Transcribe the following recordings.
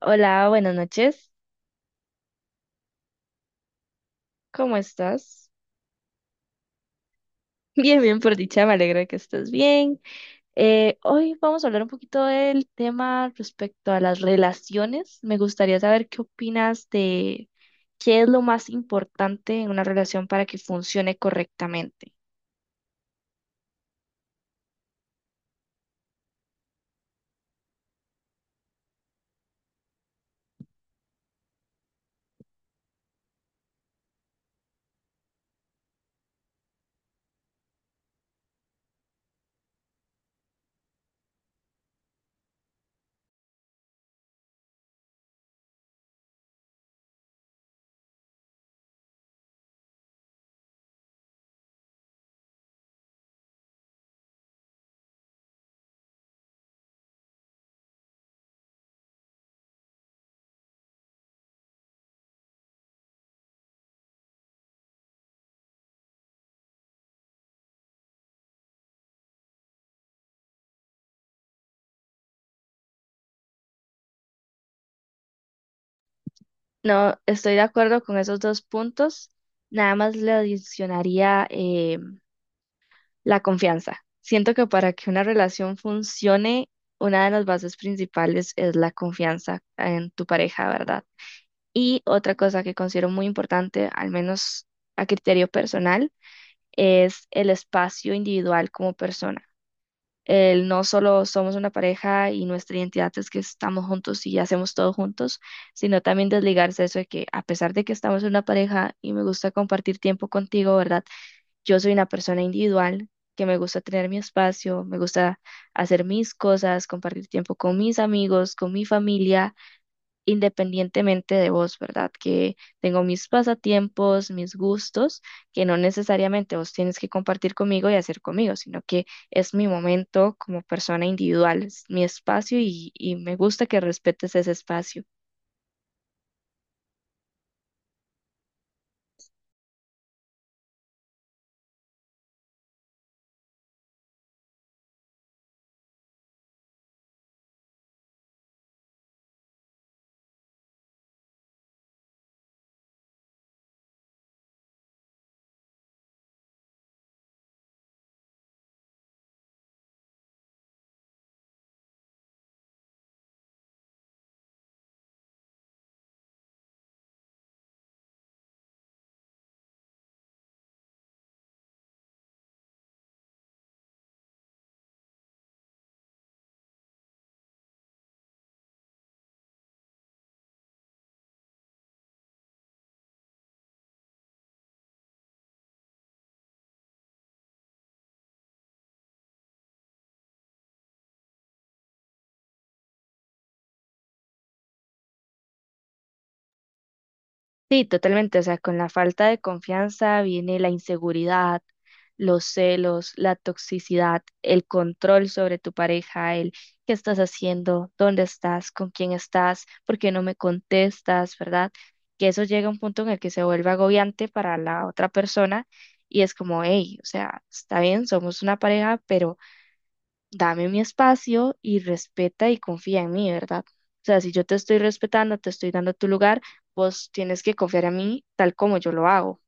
Hola, buenas noches. ¿Cómo estás? Bien, bien, por dicha, me alegra que estés bien. Hoy vamos a hablar un poquito del tema respecto a las relaciones. Me gustaría saber qué opinas de qué es lo más importante en una relación para que funcione correctamente. No, estoy de acuerdo con esos dos puntos. Nada más le adicionaría la confianza. Siento que para que una relación funcione, una de las bases principales es la confianza en tu pareja, ¿verdad? Y otra cosa que considero muy importante, al menos a criterio personal, es el espacio individual como persona. El no solo somos una pareja y nuestra identidad es que estamos juntos y hacemos todo juntos, sino también desligarse de eso de que a pesar de que estamos en una pareja y me gusta compartir tiempo contigo, ¿verdad? Yo soy una persona individual que me gusta tener mi espacio, me gusta hacer mis cosas, compartir tiempo con mis amigos, con mi familia, independientemente de vos, ¿verdad? Que tengo mis pasatiempos, mis gustos, que no necesariamente vos tienes que compartir conmigo y hacer conmigo, sino que es mi momento como persona individual, es mi espacio y me gusta que respetes ese espacio. Sí, totalmente. O sea, con la falta de confianza viene la inseguridad, los celos, la toxicidad, el control sobre tu pareja, el qué estás haciendo, dónde estás, con quién estás, por qué no me contestas, ¿verdad? Que eso llega a un punto en el que se vuelve agobiante para la otra persona y es como, hey, o sea, está bien, somos una pareja, pero dame mi espacio y respeta y confía en mí, ¿verdad? O sea, si yo te estoy respetando, te estoy dando tu lugar, vos tienes que confiar en mí tal como yo lo hago.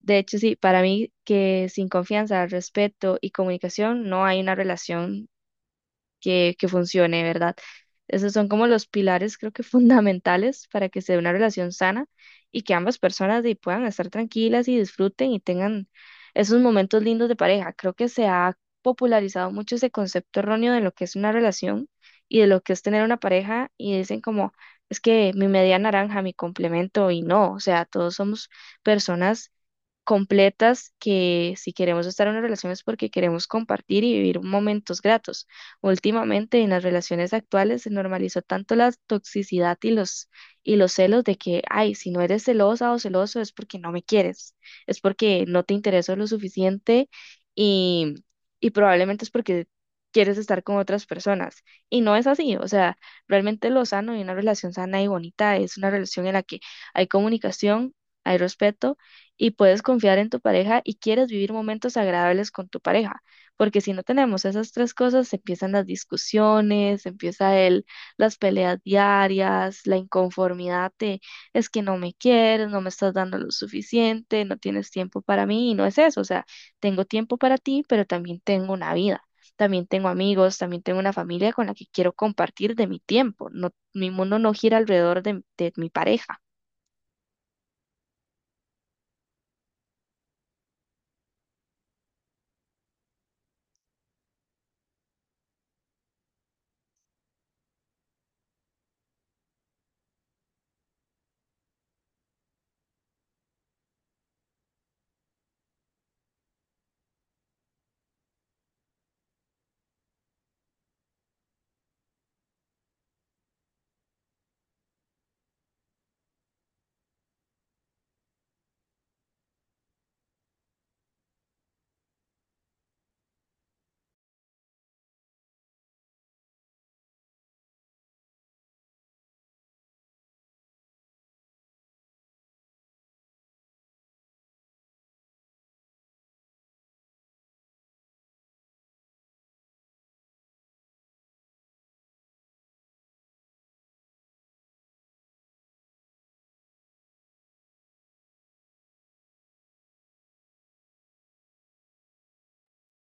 De hecho, sí, para mí que sin confianza, respeto y comunicación no hay una relación que funcione, ¿verdad? Esos son como los pilares, creo que fundamentales para que se dé una relación sana y que ambas personas de ahí puedan estar tranquilas y disfruten y tengan esos momentos lindos de pareja. Creo que se ha popularizado mucho ese concepto erróneo de lo que es una relación y de lo que es tener una pareja y dicen como, es que mi media naranja, mi complemento y no, o sea, todos somos personas completas que si queremos estar en una relación es porque queremos compartir y vivir momentos gratos. Últimamente en las relaciones actuales se normalizó tanto la toxicidad y los celos de que, ay, si no eres celosa o celoso es porque no me quieres, es porque no te intereso lo suficiente y y probablemente es porque quieres estar con otras personas. Y no es así, o sea, realmente lo sano y una relación sana y bonita es una relación en la que hay comunicación, hay respeto y puedes confiar en tu pareja y quieres vivir momentos agradables con tu pareja, porque si no tenemos esas tres cosas, empiezan las discusiones, empieza el, las peleas diarias, la inconformidad de es que no me quieres, no me estás dando lo suficiente, no tienes tiempo para mí, y no es eso, o sea, tengo tiempo para ti, pero también tengo una vida. También tengo amigos, también tengo una familia con la que quiero compartir de mi tiempo. No, mi mundo no gira alrededor de mi pareja.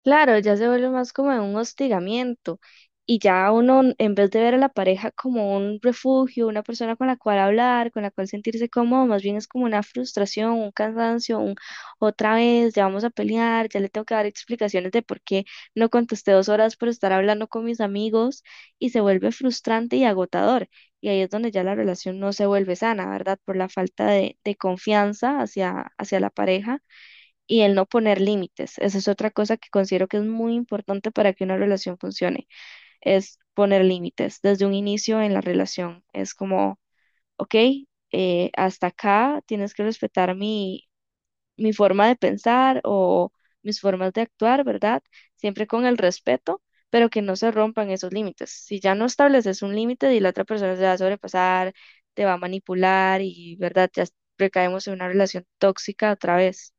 Claro, ya se vuelve más como un hostigamiento y ya uno, en vez de ver a la pareja como un refugio, una persona con la cual hablar, con la cual sentirse cómodo, más bien es como una frustración, un cansancio, un otra vez, ya vamos a pelear, ya le tengo que dar explicaciones de por qué no contesté dos horas por estar hablando con mis amigos y se vuelve frustrante y agotador. Y ahí es donde ya la relación no se vuelve sana, ¿verdad? Por la falta de confianza hacia, hacia la pareja y el no poner límites. Esa es otra cosa que considero que es muy importante para que una relación funcione, es poner límites desde un inicio en la relación. Es como, ok, hasta acá tienes que respetar mi, mi forma de pensar o mis formas de actuar, ¿verdad? Siempre con el respeto, pero que no se rompan esos límites. Si ya no estableces un límite y la otra persona se va a sobrepasar, te va a manipular y, ¿verdad? Ya recaemos en una relación tóxica otra vez.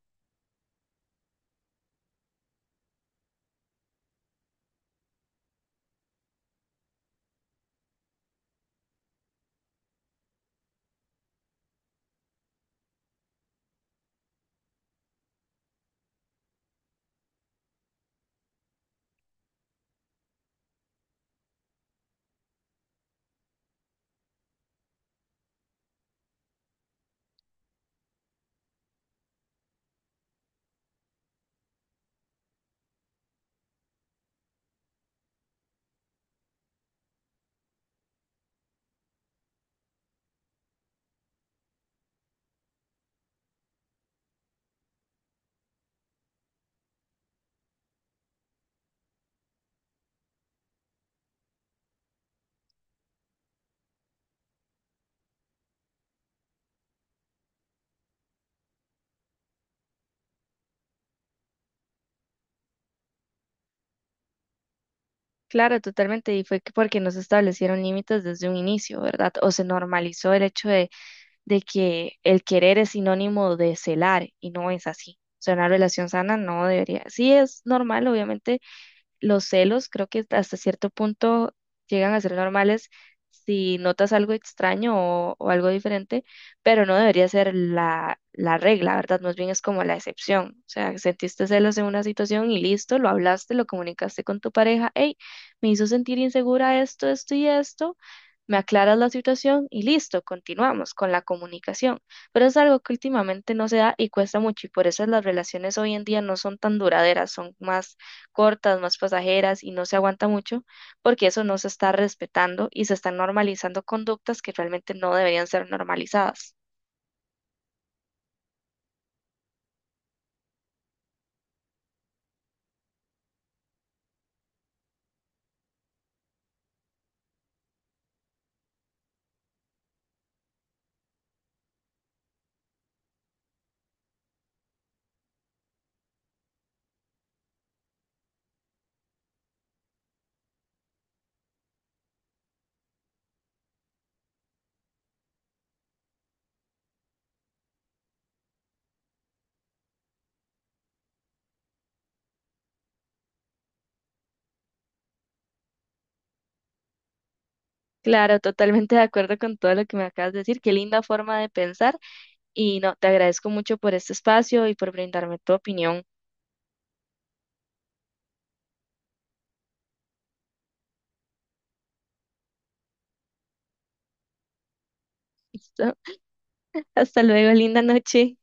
Claro, totalmente, y fue que porque no se establecieron límites desde un inicio, ¿verdad? O se normalizó el hecho de que el querer es sinónimo de celar, y no es así. O sea, una relación sana no debería. Sí es normal, obviamente, los celos creo que hasta cierto punto llegan a ser normales si notas algo extraño o algo diferente, pero no debería ser la, la regla, ¿verdad? Más bien es como la excepción. O sea, sentiste celos en una situación y listo, lo hablaste, lo comunicaste con tu pareja, hey, me hizo sentir insegura esto, esto y esto, me aclaras la situación y listo, continuamos con la comunicación. Pero es algo que últimamente no se da y cuesta mucho y por eso las relaciones hoy en día no son tan duraderas, son más cortas, más pasajeras y no se aguanta mucho, porque eso no se está respetando y se están normalizando conductas que realmente no deberían ser normalizadas. Claro, totalmente de acuerdo con todo lo que me acabas de decir. Qué linda forma de pensar y no, te agradezco mucho por este espacio y por brindarme tu opinión. Hasta luego, linda noche.